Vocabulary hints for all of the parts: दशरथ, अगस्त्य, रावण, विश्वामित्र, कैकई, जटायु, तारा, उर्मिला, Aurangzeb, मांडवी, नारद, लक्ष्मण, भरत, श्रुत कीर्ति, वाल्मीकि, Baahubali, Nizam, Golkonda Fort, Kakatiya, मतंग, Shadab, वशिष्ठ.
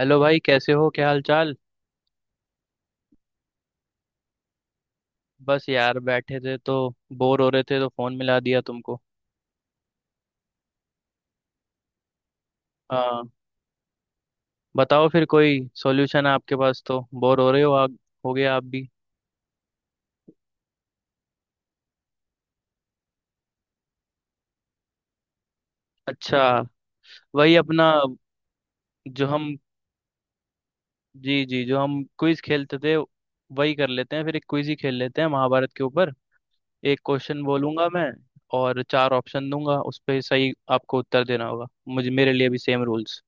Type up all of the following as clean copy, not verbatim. Hello भाई, कैसे हो? क्या हाल चाल? बस यार बैठे थे तो बोर हो रहे थे तो फोन मिला दिया तुमको। हाँ। बताओ फिर, कोई सॉल्यूशन है आपके पास? तो बोर हो रहे हो आप, हो गए आप भी। अच्छा। वही अपना जो हम जी जी, जो हम क्विज खेलते थे वही कर लेते हैं, फिर एक क्विज ही खेल लेते हैं महाभारत के ऊपर। एक क्वेश्चन बोलूंगा मैं और चार ऑप्शन दूंगा, उस पे सही आपको उत्तर देना होगा। मुझे, मेरे लिए भी सेम रूल्स।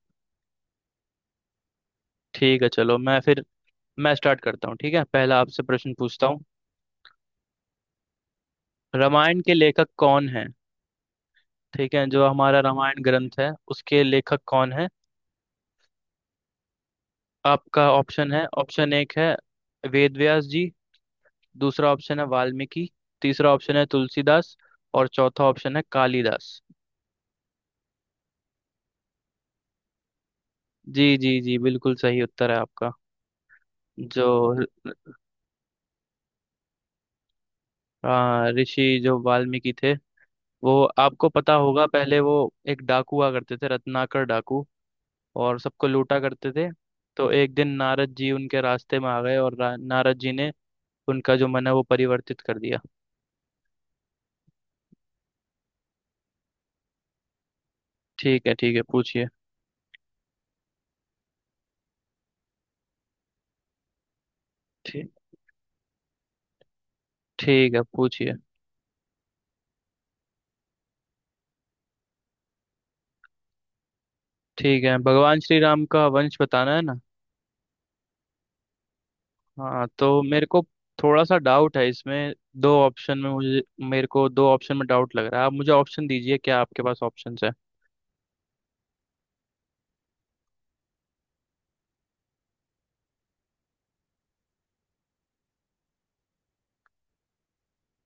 ठीक है, चलो मैं स्टार्ट करता हूँ। ठीक है, पहला आपसे प्रश्न पूछता हूँ। रामायण के लेखक कौन है? ठीक है, जो हमारा रामायण ग्रंथ है उसके लेखक कौन है? आपका ऑप्शन है। ऑप्शन एक है वेद व्यास जी। दूसरा ऑप्शन है वाल्मीकि। तीसरा ऑप्शन है तुलसीदास और चौथा ऑप्शन है कालिदास। जी जी जी, बिल्कुल सही उत्तर है आपका। जो ऋषि जो वाल्मीकि थे, वो आपको पता होगा, पहले वो एक डाकू हुआ करते थे, रत्नाकर डाकू, और सबको लूटा करते थे। तो एक दिन नारद जी उनके रास्ते में आ गए और नारद जी ने उनका जो मन है वो परिवर्तित कर दिया। ठीक है, ठीक है पूछिए। ठीक, ठीक है पूछिए। ठीक है, भगवान श्री राम का वंश बताना है ना? हाँ, तो मेरे को थोड़ा सा डाउट है इसमें। दो ऑप्शन में मुझे मेरे को दो ऑप्शन में डाउट लग रहा है। आप मुझे ऑप्शन दीजिए, क्या आपके पास ऑप्शंस है?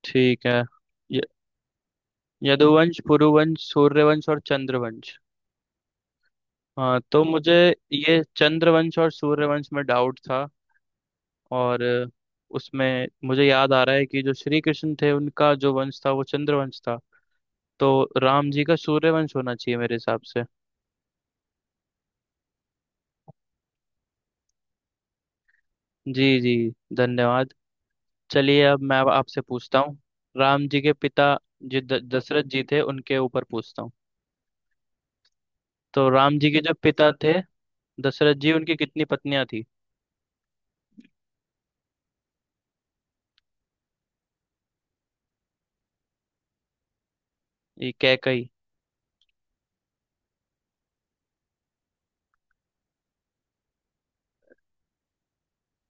ठीक है। य- यदुवंश, पुरुवंश, सूर्यवंश और चंद्रवंश। हाँ, तो मुझे ये चंद्रवंश और सूर्यवंश में डाउट था। और उसमें मुझे याद आ रहा है कि जो श्री कृष्ण थे उनका जो वंश था वो चंद्रवंश था। तो राम जी का सूर्यवंश होना चाहिए मेरे हिसाब से। जी जी, धन्यवाद। चलिए, अब मैं अब आपसे पूछता हूँ। राम जी के पिता जो दशरथ जी थे, उनके ऊपर पूछता हूँ। तो राम जी के जो पिता थे दशरथ जी, उनकी कितनी पत्नियां थी? ये कैकई।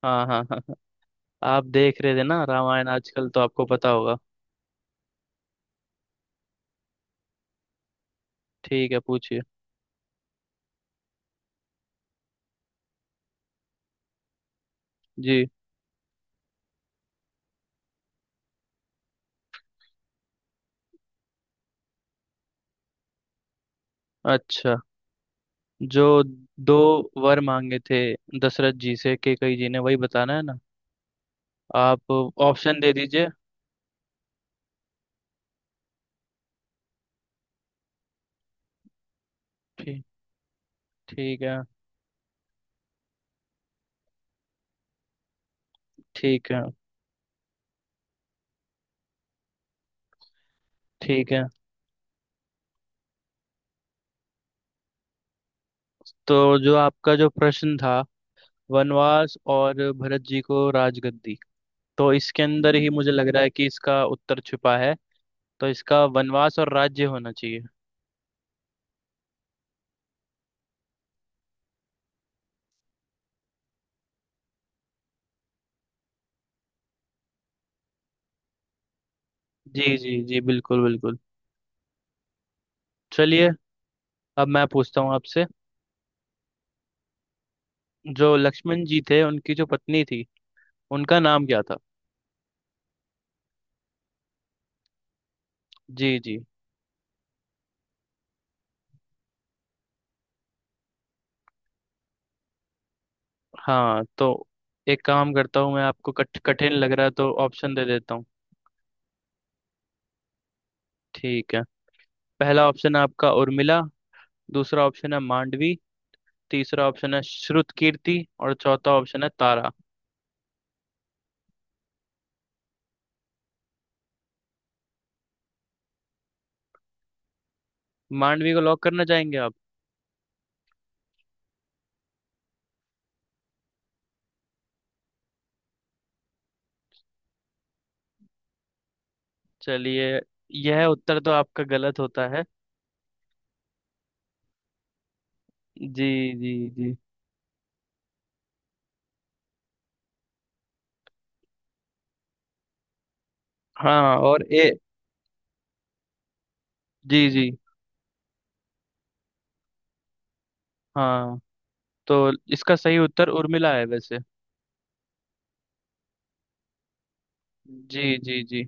हाँ हाँ हाँ हाँ। आप देख रहे थे ना रामायण आजकल, तो आपको पता होगा। ठीक है पूछिए। जी। अच्छा। जो दो वर मांगे थे दशरथ जी से कैकई जी ने, वही बताना है ना आप? ऑप्शन दे दीजिए। ठीक, ठीक है। ठीक है। ठीक है, तो जो आपका जो प्रश्न था, वनवास और भरत जी को राजगद्दी, तो इसके अंदर ही मुझे लग रहा है कि इसका उत्तर छिपा है। तो इसका वनवास और राज्य होना चाहिए। जी जी जी, बिल्कुल बिल्कुल। चलिए, अब मैं पूछता हूँ आपसे। जो लक्ष्मण जी थे उनकी जो पत्नी थी, उनका नाम क्या था? जी जी। हाँ, तो एक काम करता हूँ, मैं आपको कठिन लग रहा है तो ऑप्शन दे देता हूँ। ठीक है, पहला ऑप्शन है आपका उर्मिला। दूसरा ऑप्शन है मांडवी। तीसरा ऑप्शन है श्रुत कीर्ति और चौथा ऑप्शन है तारा। मांडवी को लॉक करना चाहेंगे आप? चलिए, यह उत्तर तो आपका गलत होता है। जी जी जी। हाँ और ए जी जी। हाँ, तो इसका सही उत्तर उर्मिला है वैसे। जी जी जी।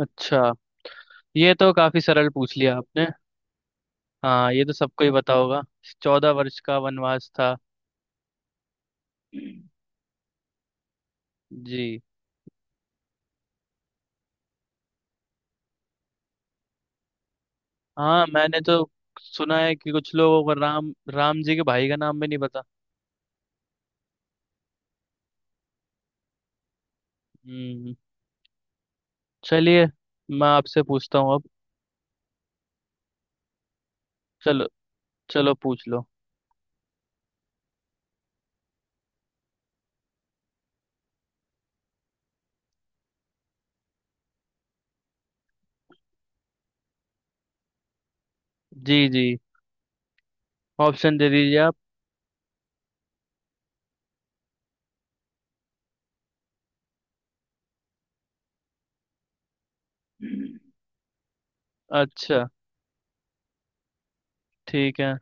अच्छा। ये तो काफी सरल पूछ लिया आपने। हाँ, ये तो सबको ही पता होगा। 14 वर्ष का वनवास था। जी। हाँ, मैंने तो सुना है कि कुछ लोगों को राम, राम जी के भाई का नाम भी नहीं पता। हम्म। चलिए, मैं आपसे पूछता हूँ अब। चलो, चलो पूछ लो। जी जी। ऑप्शन दे दीजिए आप। अच्छा। ठीक है,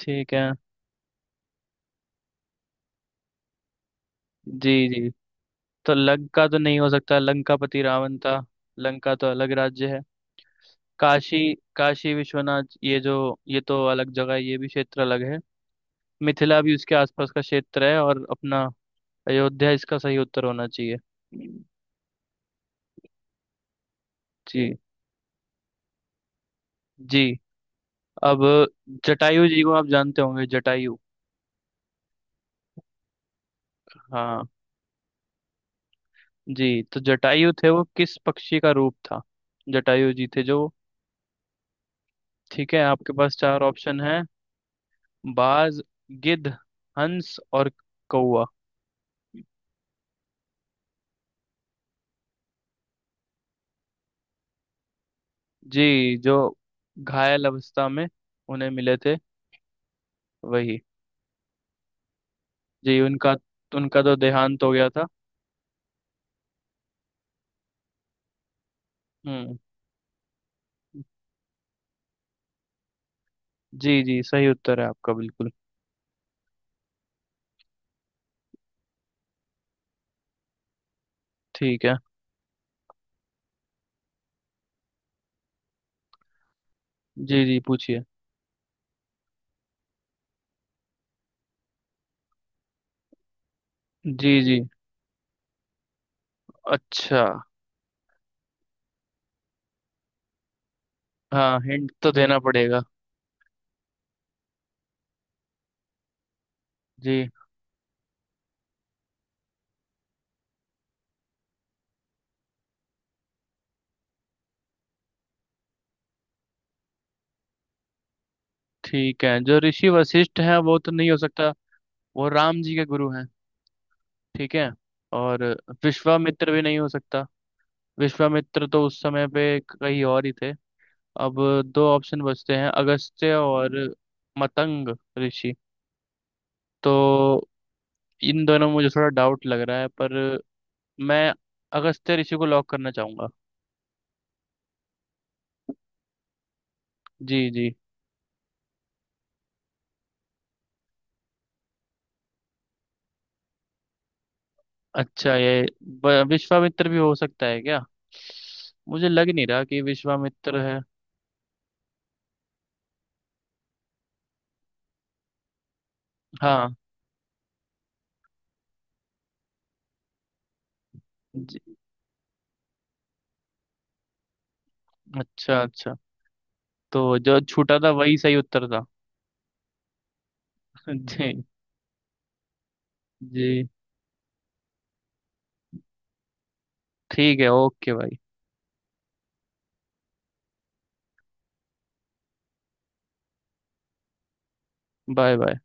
ठीक है। जी जी, तो लंका तो नहीं हो सकता, लंकापति रावण था। लंका तो अलग राज्य है। काशी, काशी विश्वनाथ, ये जो, ये तो अलग जगह है, ये भी क्षेत्र अलग है। मिथिला भी उसके आसपास का क्षेत्र है। और अपना अयोध्या इसका सही उत्तर होना चाहिए। जी। जी, अब जटायु जी को आप जानते होंगे, जटायु। हाँ। जी, तो जटायु थे, वो किस पक्षी का रूप था? जटायु जी थे जो। ठीक है, आपके पास चार ऑप्शन है: बाज, गिद्ध, हंस और कौवा। जी, जो घायल अवस्था में उन्हें मिले थे, वही। जी उनका। उनका तो देहांत हो गया था। हम्म। जी जी, सही उत्तर है आपका बिल्कुल। ठीक है। जी जी पूछिए। जी जी, अच्छा। हाँ, हिंट तो देना पड़ेगा। जी। ठीक है, जो ऋषि वशिष्ठ हैं वो तो नहीं हो सकता, वो राम जी के गुरु हैं। ठीक है। और विश्वामित्र भी नहीं हो सकता, विश्वामित्र तो उस समय पे कहीं और ही थे। अब दो ऑप्शन बचते हैं, अगस्त्य और मतंग ऋषि। तो इन दोनों में मुझे थोड़ा डाउट लग रहा है, पर मैं अगस्त्य ऋषि को लॉक करना चाहूंगा। जी जी। अच्छा, ये विश्वामित्र भी हो सकता है क्या? मुझे लग नहीं रहा कि विश्वामित्र है। हाँ। जी, अच्छा अच्छा, तो जो छूटा था वही सही उत्तर था। जी। जी ठीक है, ओके भाई। Bye bye.